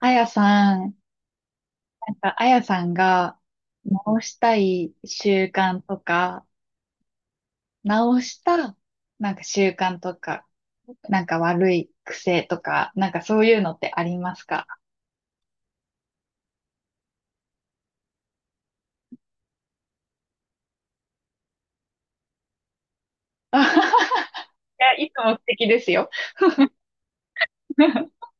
あやさん、なんか、あやさんが直したい習慣とか、直した、なんか習慣とか、なんか悪い癖とか、なんかそういうのってありますか？あはは。 いや、いつも素敵ですよ。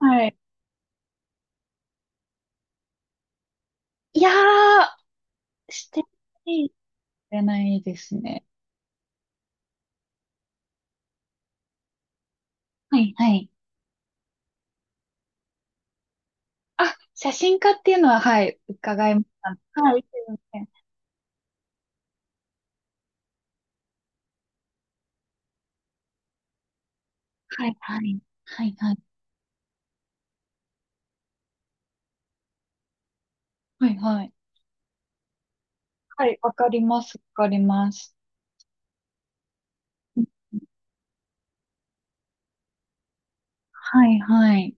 はい。いやー、してないじゃないですね。はいはい。あ、写真家っていうのは、はい、伺いました。はい、すいません。はいはい。はいはい。はいはい。はい、わかります、わかります。はい、はい。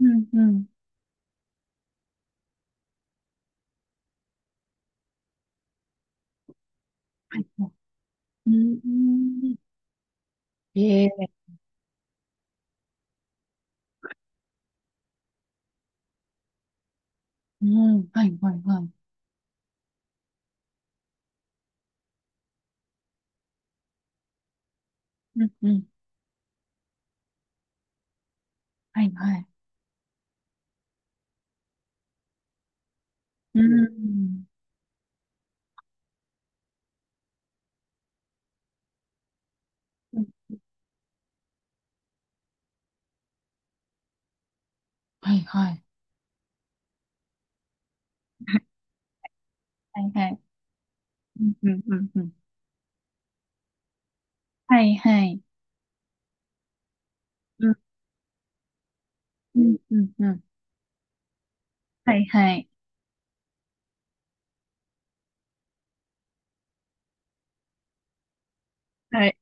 うん、うん。はい、はい。うん。ええ、うん。はい、はい、はい。うん、うん。はい、はい。うん。うん。はい、はい。はい、はい。うん、うん、うん、うん。はい、はい。うん、うん、うん、うん。はい、はい。はい。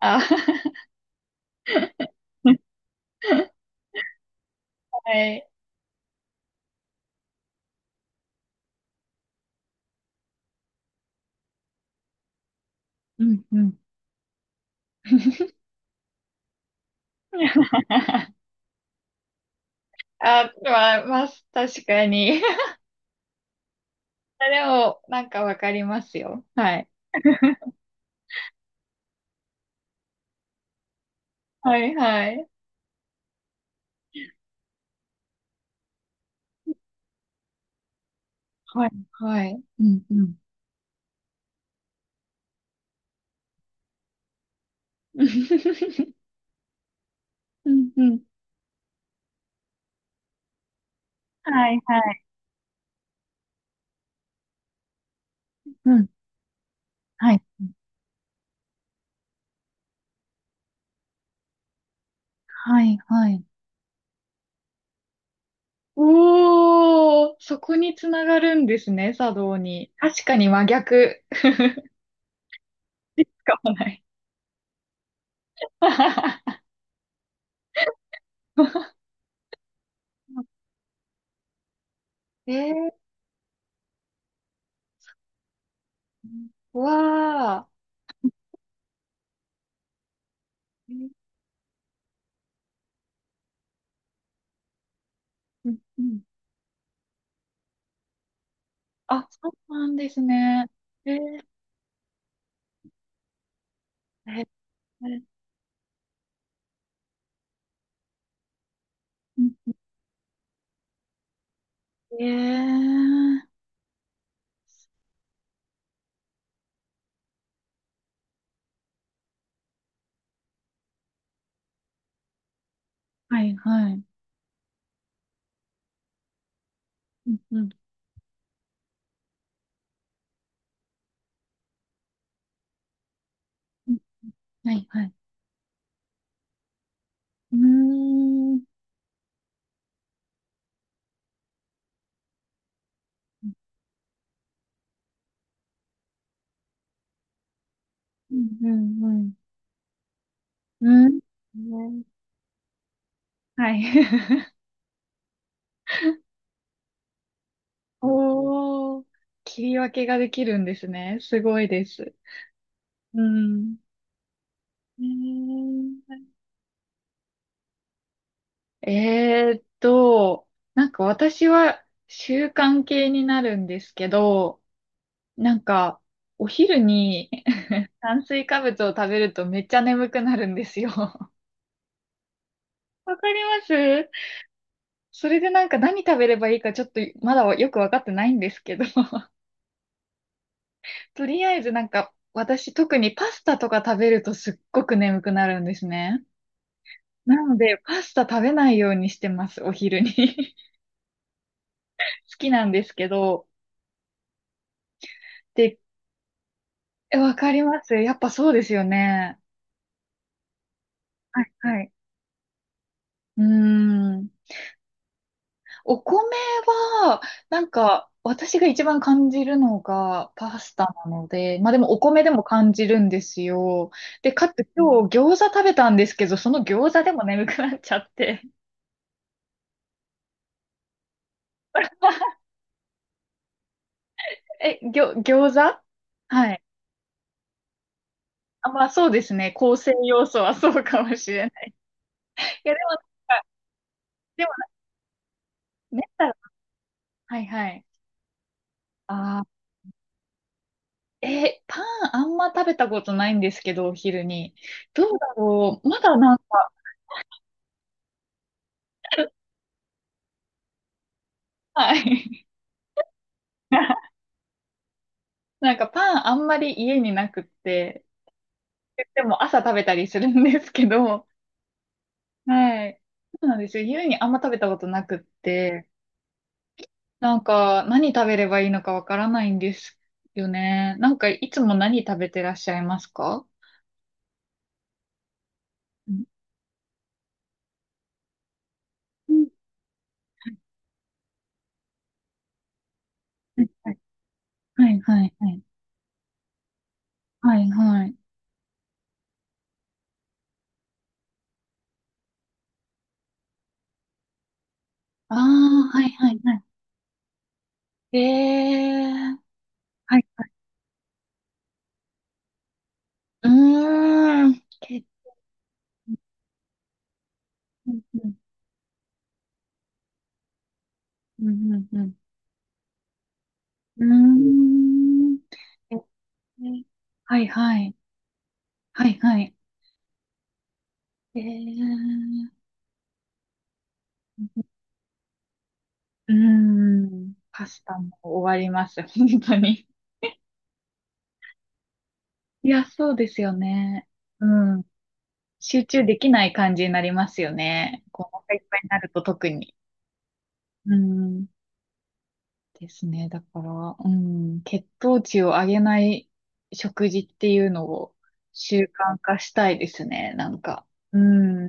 あ、はい。うん、うん。あ、まあ、まあ、確かに。でも、なんかわかりますよ。はい。はいはい。はいはい。うんうん。うんうん。はいはい。うん。はい。はいはい。おー、そこにつながるんですね、茶道に。確かに真逆。使かもない。えー、わー。うんうん。あ、そうなんですね。えー、えー、うん、えー、はいはい。うんうん。うん、はいはい。うーん。うんうんうん。うん。ね、はい。おー、切り分けができるんですね。すごいです。うん。えー、えーっと、なんか私は習慣系になるんですけど、なんかお昼に 炭水化物を食べるとめっちゃ眠くなるんですよ。わかります。それでなんか何食べればいいかちょっとまだよくわかってないんですけど、とりあえずなんか、私特にパスタとか食べるとすっごく眠くなるんですね。なので、パスタ食べないようにしてます、お昼に。好きなんですけど。で、え、わかります。やっぱそうですよね。はい、はい。うーん。お米は、なんか、私が一番感じるのがパスタなので、まあでもお米でも感じるんですよ。で、かつ今日餃子食べたんですけど、その餃子でも眠くなっちゃって。え、ぎょ、餃子。はい。あ、まあそうですね。構成要素はそうかもしれない。いや、でもなんか、でもなんか、練ったら、はいはい。あー、え、パンあんま食べたことないんですけど、お昼に。どうだろう。まだなんか、はい。なんかパンあんまり家になくって、でも朝食べたりするんですけど、はい。そうなんですよ。家にあんま食べたことなくって、なんか、何食べればいいのかわからないんですよね。なんか、いつも何食べてらっしゃいますか？うんうん、はいはいはい。はいはい。ああー、はいはいはい。えー。はいはい。うーん。け、うんうんうんうん。うん、うーん。えー、はいはい。はいはい。えー。うーん。パスタも終わります。本当に。いや、そうですよね。うん。集中できない感じになりますよね。こう、お腹いっぱいになると特に。うん。ですね。だから、うん。血糖値を上げない食事っていうのを習慣化したいですね。なんか。うん。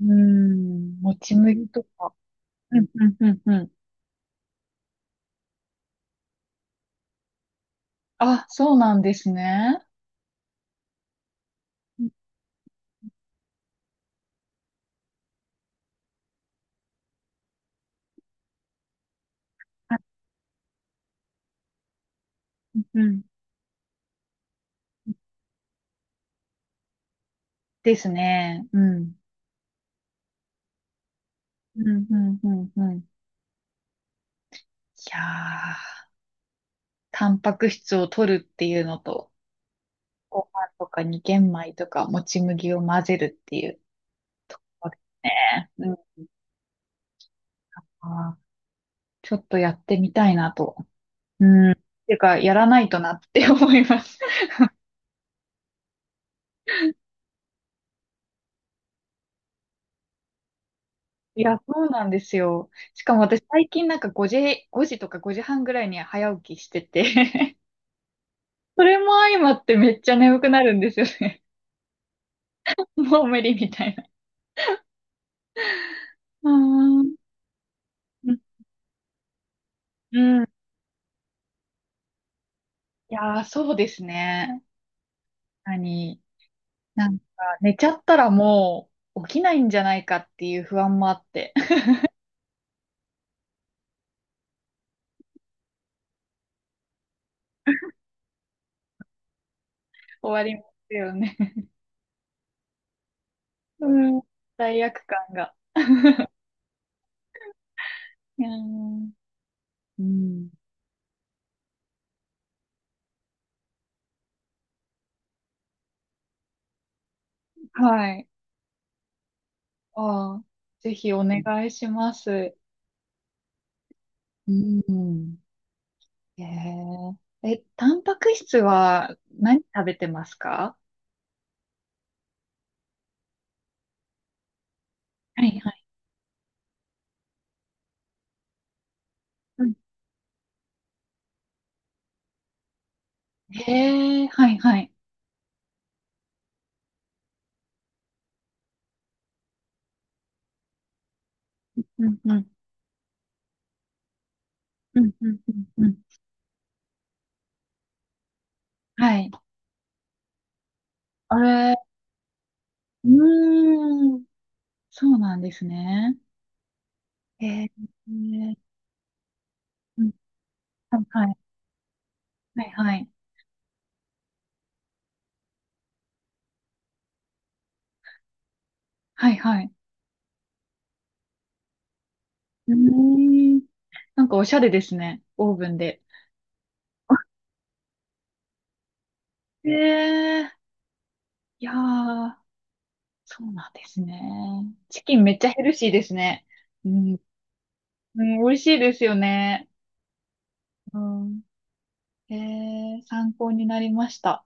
うん。もち麦とか。うん、うん、うん、うん。あ、そうなんですね。うんうん。ですね。うん。うん、うん、うん、うん。いやー。タンパク質を取るっていうのと、ご飯とかに玄米とかもち麦を混ぜるっていうわけですね。うん。あー、ちょっとやってみたいなと。うん。っていうか、やらないとなって思います。いや、そうなんですよ。しかも私最近なんか5時、5時とか5時半ぐらいに早起きしてて それも相まってめっちゃ眠くなるんですよね。もう無理みたいな。うーん。うん。いやー、そうですね。何、なんか、寝ちゃったらもう起きないんじゃないかっていう不安もあって、終わりますよね。うん、罪悪感が。うん、うん。はい。ああ、ぜひお願いします。うん。えー、え、タンパク質は何食べてますか？はいはい。うん。へえ、はいはい。うんうん。うんうんうんうん。はい。あれ、うーん、そうなんですね。へえ、うん、はいはい。はいはい。はいはい。うーん。なんかおしゃれですね。オーブンで。ええ、いやー、そうなんですね。チキンめっちゃヘルシーですね。うん。うん、美味しいですよね。うん。ええ、参考になりました。